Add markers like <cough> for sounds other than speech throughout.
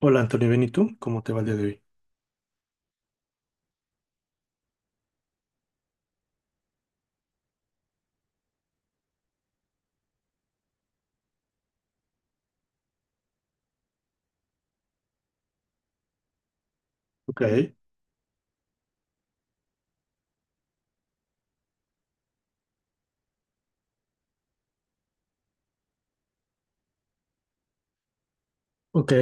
Hola Antonio, bien, ¿y tú? ¿Cómo te va el día de hoy? Ok, ok,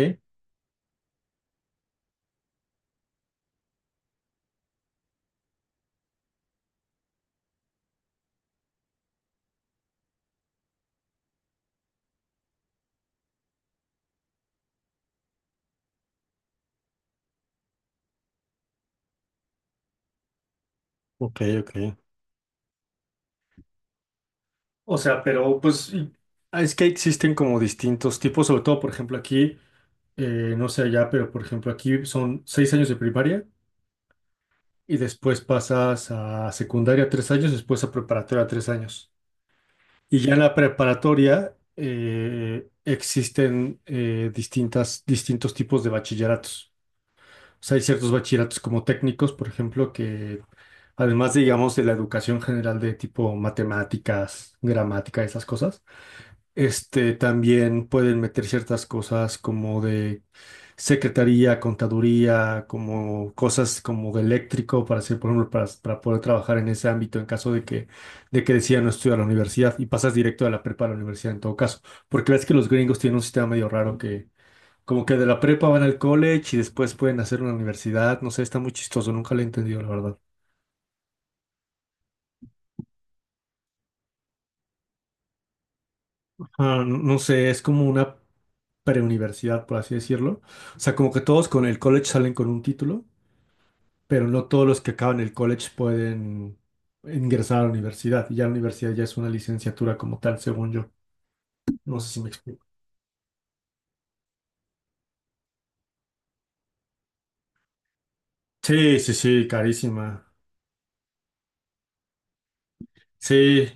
ok, ok. O sea, pero pues ah, es que existen como distintos tipos, sobre todo, por ejemplo, aquí, no sé allá, pero por ejemplo, aquí son 6 años de primaria y después pasas a secundaria 3 años, después a preparatoria 3 años. Y ya en la preparatoria existen distintos tipos de bachilleratos. O sea, hay ciertos bachilleratos como técnicos, por ejemplo, que además, digamos, de la educación general de tipo matemáticas, gramática, esas cosas, este, también pueden meter ciertas cosas como de secretaría, contaduría, como cosas como de eléctrico para hacer, por ejemplo, para poder trabajar en ese ámbito en caso de que decidan no estudiar a la universidad y pasas directo de la prepa a la universidad en todo caso. Porque ves que los gringos tienen un sistema medio raro que como que de la prepa van al college y después pueden hacer una universidad, no sé, está muy chistoso, nunca lo he entendido, la verdad. Ah, no sé, es como una preuniversidad, por así decirlo. O sea, como que todos con el college salen con un título, pero no todos los que acaban el college pueden ingresar a la universidad. Y ya la universidad ya es una licenciatura como tal, según yo. No sé si me explico. Sí, sí, sí, carísima. Sí.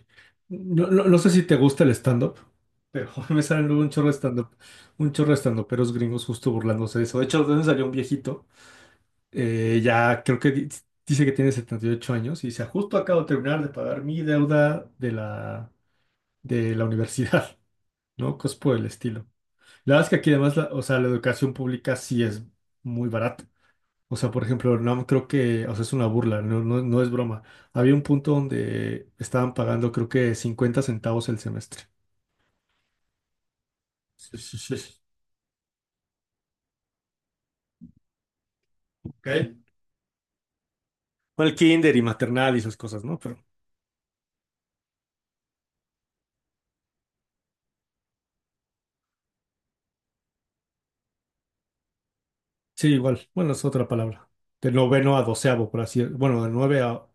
No sé si te gusta el stand-up, pero <laughs> me salen luego un chorro de stand-up, un chorro de stand-uperos gringos justo burlándose de eso. De hecho, de dónde salió un viejito. Eh, ya creo que di- Dice que tiene 78 años y dice, justo acabo de terminar de pagar mi deuda de la universidad, <laughs> ¿no? Cosas por el estilo. La verdad es que aquí además, o sea, la educación pública sí es muy barata. O sea, por ejemplo, no creo que, o sea, es una burla, no, no, no es broma. Había un punto donde estaban pagando creo que 50 centavos el semestre. Sí, sí, sí, sí. Ok. Bueno, el kinder y maternal y esas cosas, ¿no? Pero sí, igual. Bueno, es otra palabra. De noveno a doceavo, por así bueno, de nueve a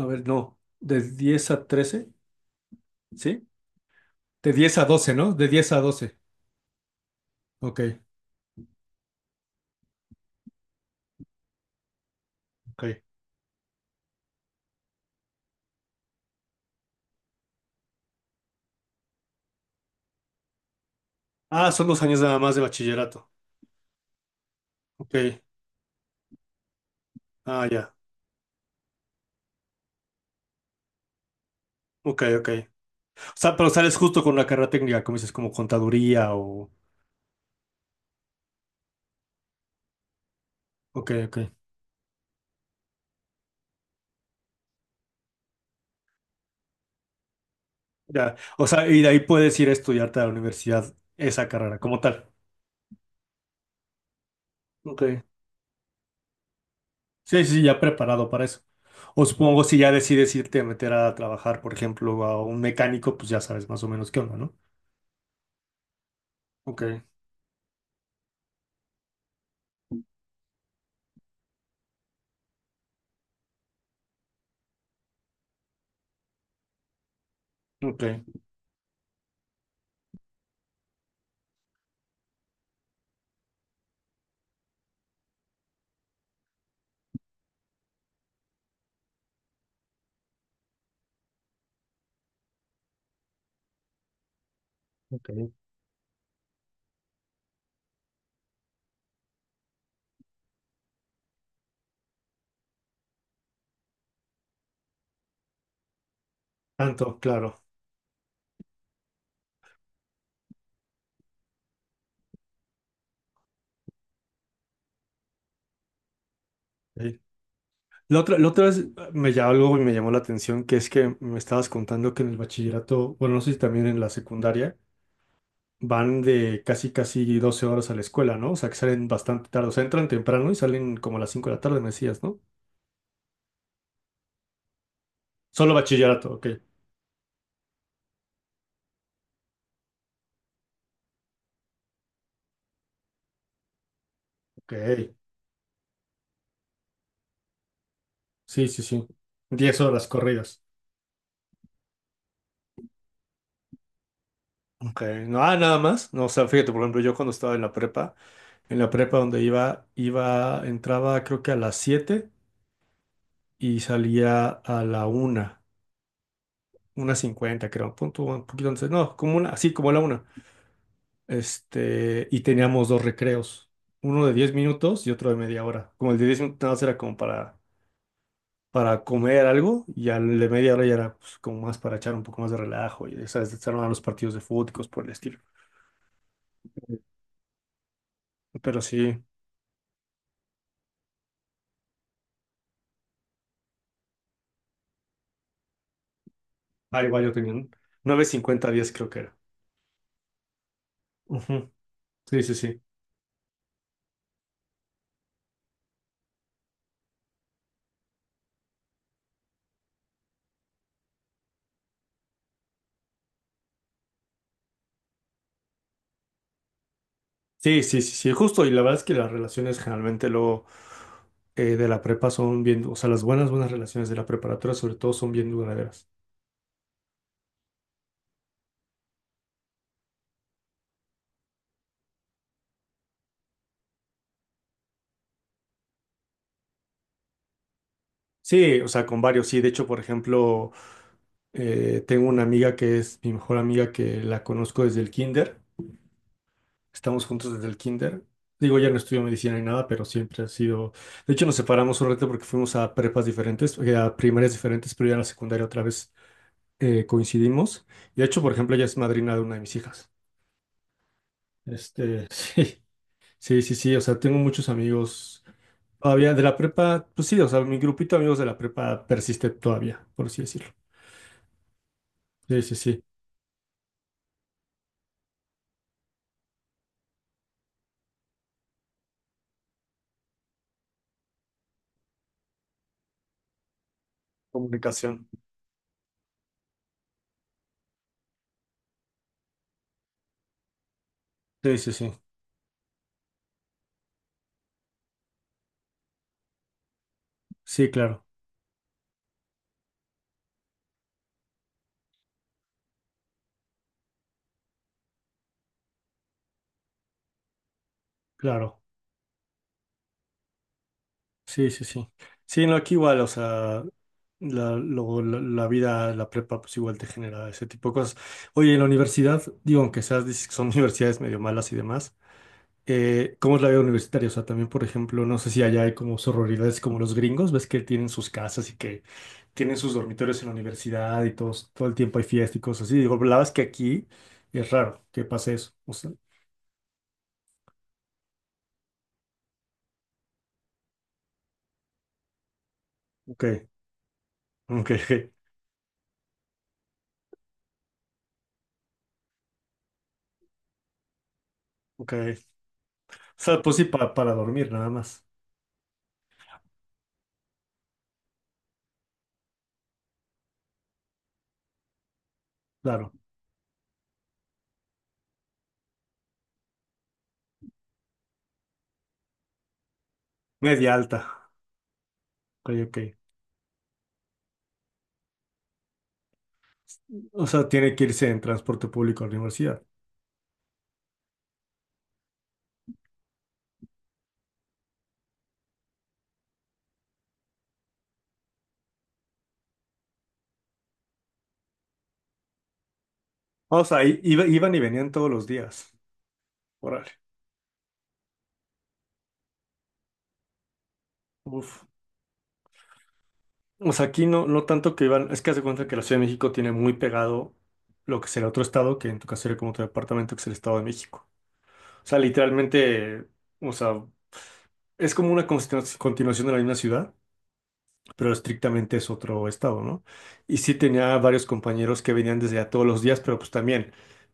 A ver, no. De 10 a 13, ¿sí? De 10 a 12, ¿no? De 10 a 12. Ok, ok. Ah, son dos años nada más de bachillerato. Ok. Ah, ya. Ok, ok. O sea, pero sales justo con la carrera técnica, como dices, como contaduría o... Ok, ok. Ya. O sea, y de ahí puedes ir a estudiarte a la universidad esa carrera, como tal. Ok. Sí, sí, ya preparado para eso. O supongo si ya decides irte a meter a trabajar, por ejemplo, a un mecánico, pues ya sabes más o menos qué onda, ¿no? Ok, ok. Ok. Tanto, claro. Sí. La otra vez me llamó algo y me llamó la atención, que es que me estabas contando que en el bachillerato, bueno, no sé si también en la secundaria, van de casi casi 12 horas a la escuela, ¿no? O sea, que salen bastante tarde, o sea, entran temprano y salen como a las 5 de la tarde, me decías, ¿no? Solo bachillerato, ok, ok, sí, sí, sí, 10 horas corridas. Ok, no, ah, nada más, no, o sea, fíjate, por ejemplo, yo cuando estaba en la prepa donde iba, iba, entraba creo que a las 7 y salía a la 1, 1:50 creo, punto, un poquito antes, no, como una, así como la 1. Este, y teníamos dos recreos, uno de 10 minutos y otro de media hora. Como el de 10 minutos nada más era como para comer algo y al de media hora ya era pues, como más para echar un poco más de relajo y ¿sabes? Se armaban los partidos de fútbol y cosas por el estilo. Pero sí, ah, igual yo tenía un 9:50, 10 creo que era. Ujú. Sí, sí, sí. Sí, sí, sí, sí, justo. Y la verdad es que las relaciones generalmente luego de la prepa son bien, o sea, las buenas, buenas relaciones de la preparatoria sobre todo son bien duraderas. Sí, o sea, con varios, sí. De hecho, por ejemplo, tengo una amiga que es mi mejor amiga que la conozco desde el kinder. Estamos juntos desde el kinder. Digo, ya no estudio medicina ni nada, pero siempre ha sido... De hecho, nos separamos un rato porque fuimos a prepas diferentes, a primarias diferentes, pero ya en la secundaria otra vez coincidimos. Y de hecho, por ejemplo, ella es madrina de una de mis hijas. Este, <laughs> sí. Sí, sí, sí, o sea, tengo muchos amigos todavía de la prepa, pues sí, o sea, mi grupito de amigos de la prepa persiste todavía, por así decirlo. Sí, sí, sí. Comunicación. Sí, sí, sí. Sí, claro, claro. Sí, sí, sí. Sí, no, aquí igual, o sea, luego la vida, la prepa, pues igual te genera ese tipo de cosas. Oye, en la universidad, digo, aunque seas, dices que son <laughs> universidades medio malas y demás, ¿cómo es la vida universitaria? O sea, también, por ejemplo, no sé si allá hay como sororidades como los gringos, ves que tienen sus casas y que tienen sus dormitorios en la universidad y todos, todo el tiempo hay fiesta y cosas así. Digo, la verdad es que aquí es raro que pase eso. O sea, ok, <laughs> ok, ok. O sea, pues sí, para dormir nada más. Claro, media alta. Ok, ok. O sea, tiene que irse en transporte público a la universidad. O sea, iban y venían todos los días. Órale. Uf. O sea, aquí no, no tanto que iban, es que haz de cuenta que la Ciudad de México tiene muy pegado lo que sería otro estado, que en tu caso sería como tu departamento, que es el Estado de México. O sea, literalmente, o sea, es como una continuación de la misma ciudad, pero estrictamente es otro estado, ¿no? Y sí tenía varios compañeros que venían desde allá todos los días, pero pues también,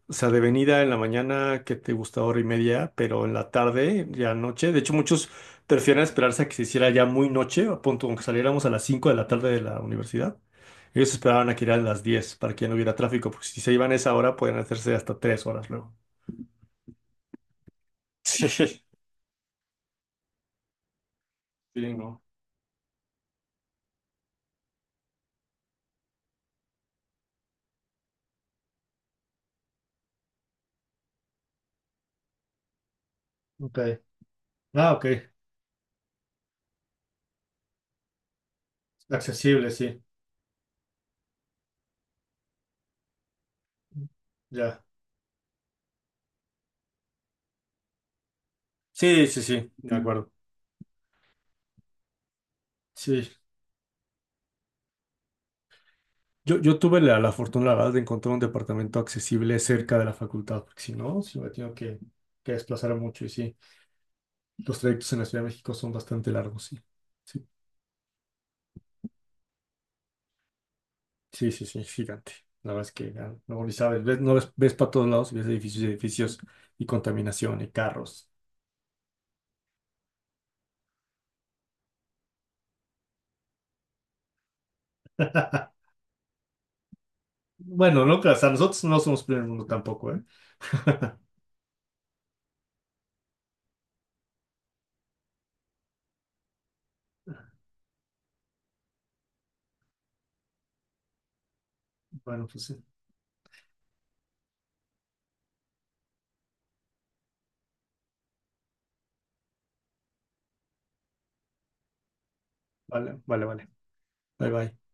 o sea, de venida en la mañana, que te gusta hora y media, pero en la tarde, ya noche. De hecho, muchos prefieren esperarse a que se hiciera ya muy noche, a punto, aunque saliéramos a las 5 de la tarde de la universidad. Ellos esperaban a que eran las 10 para que ya no hubiera tráfico, porque si se iban a esa hora, pueden hacerse hasta 3 horas luego. <laughs> Sí. Sí, no. Ok. Ah, ok. Accesible, sí. Ya. Sí, sí, sí, de acuerdo. Sí. Yo tuve la fortuna, la verdad, de encontrar un departamento accesible cerca de la facultad, porque si no, si me tengo que desplazar mucho y sí, los trayectos en la Ciudad de México son bastante largos, sí. Sí, sí, sí, sí, gigante. La verdad es que ah, no ni sabes, ves, no ves, ves para todos lados, y ves edificios y edificios y contaminación y carros. <laughs> Bueno, no, o sea, nosotros no somos primer mundo tampoco, ¿eh? <laughs> Bueno, pues sí. Vale, vale, vale. Bye, bye.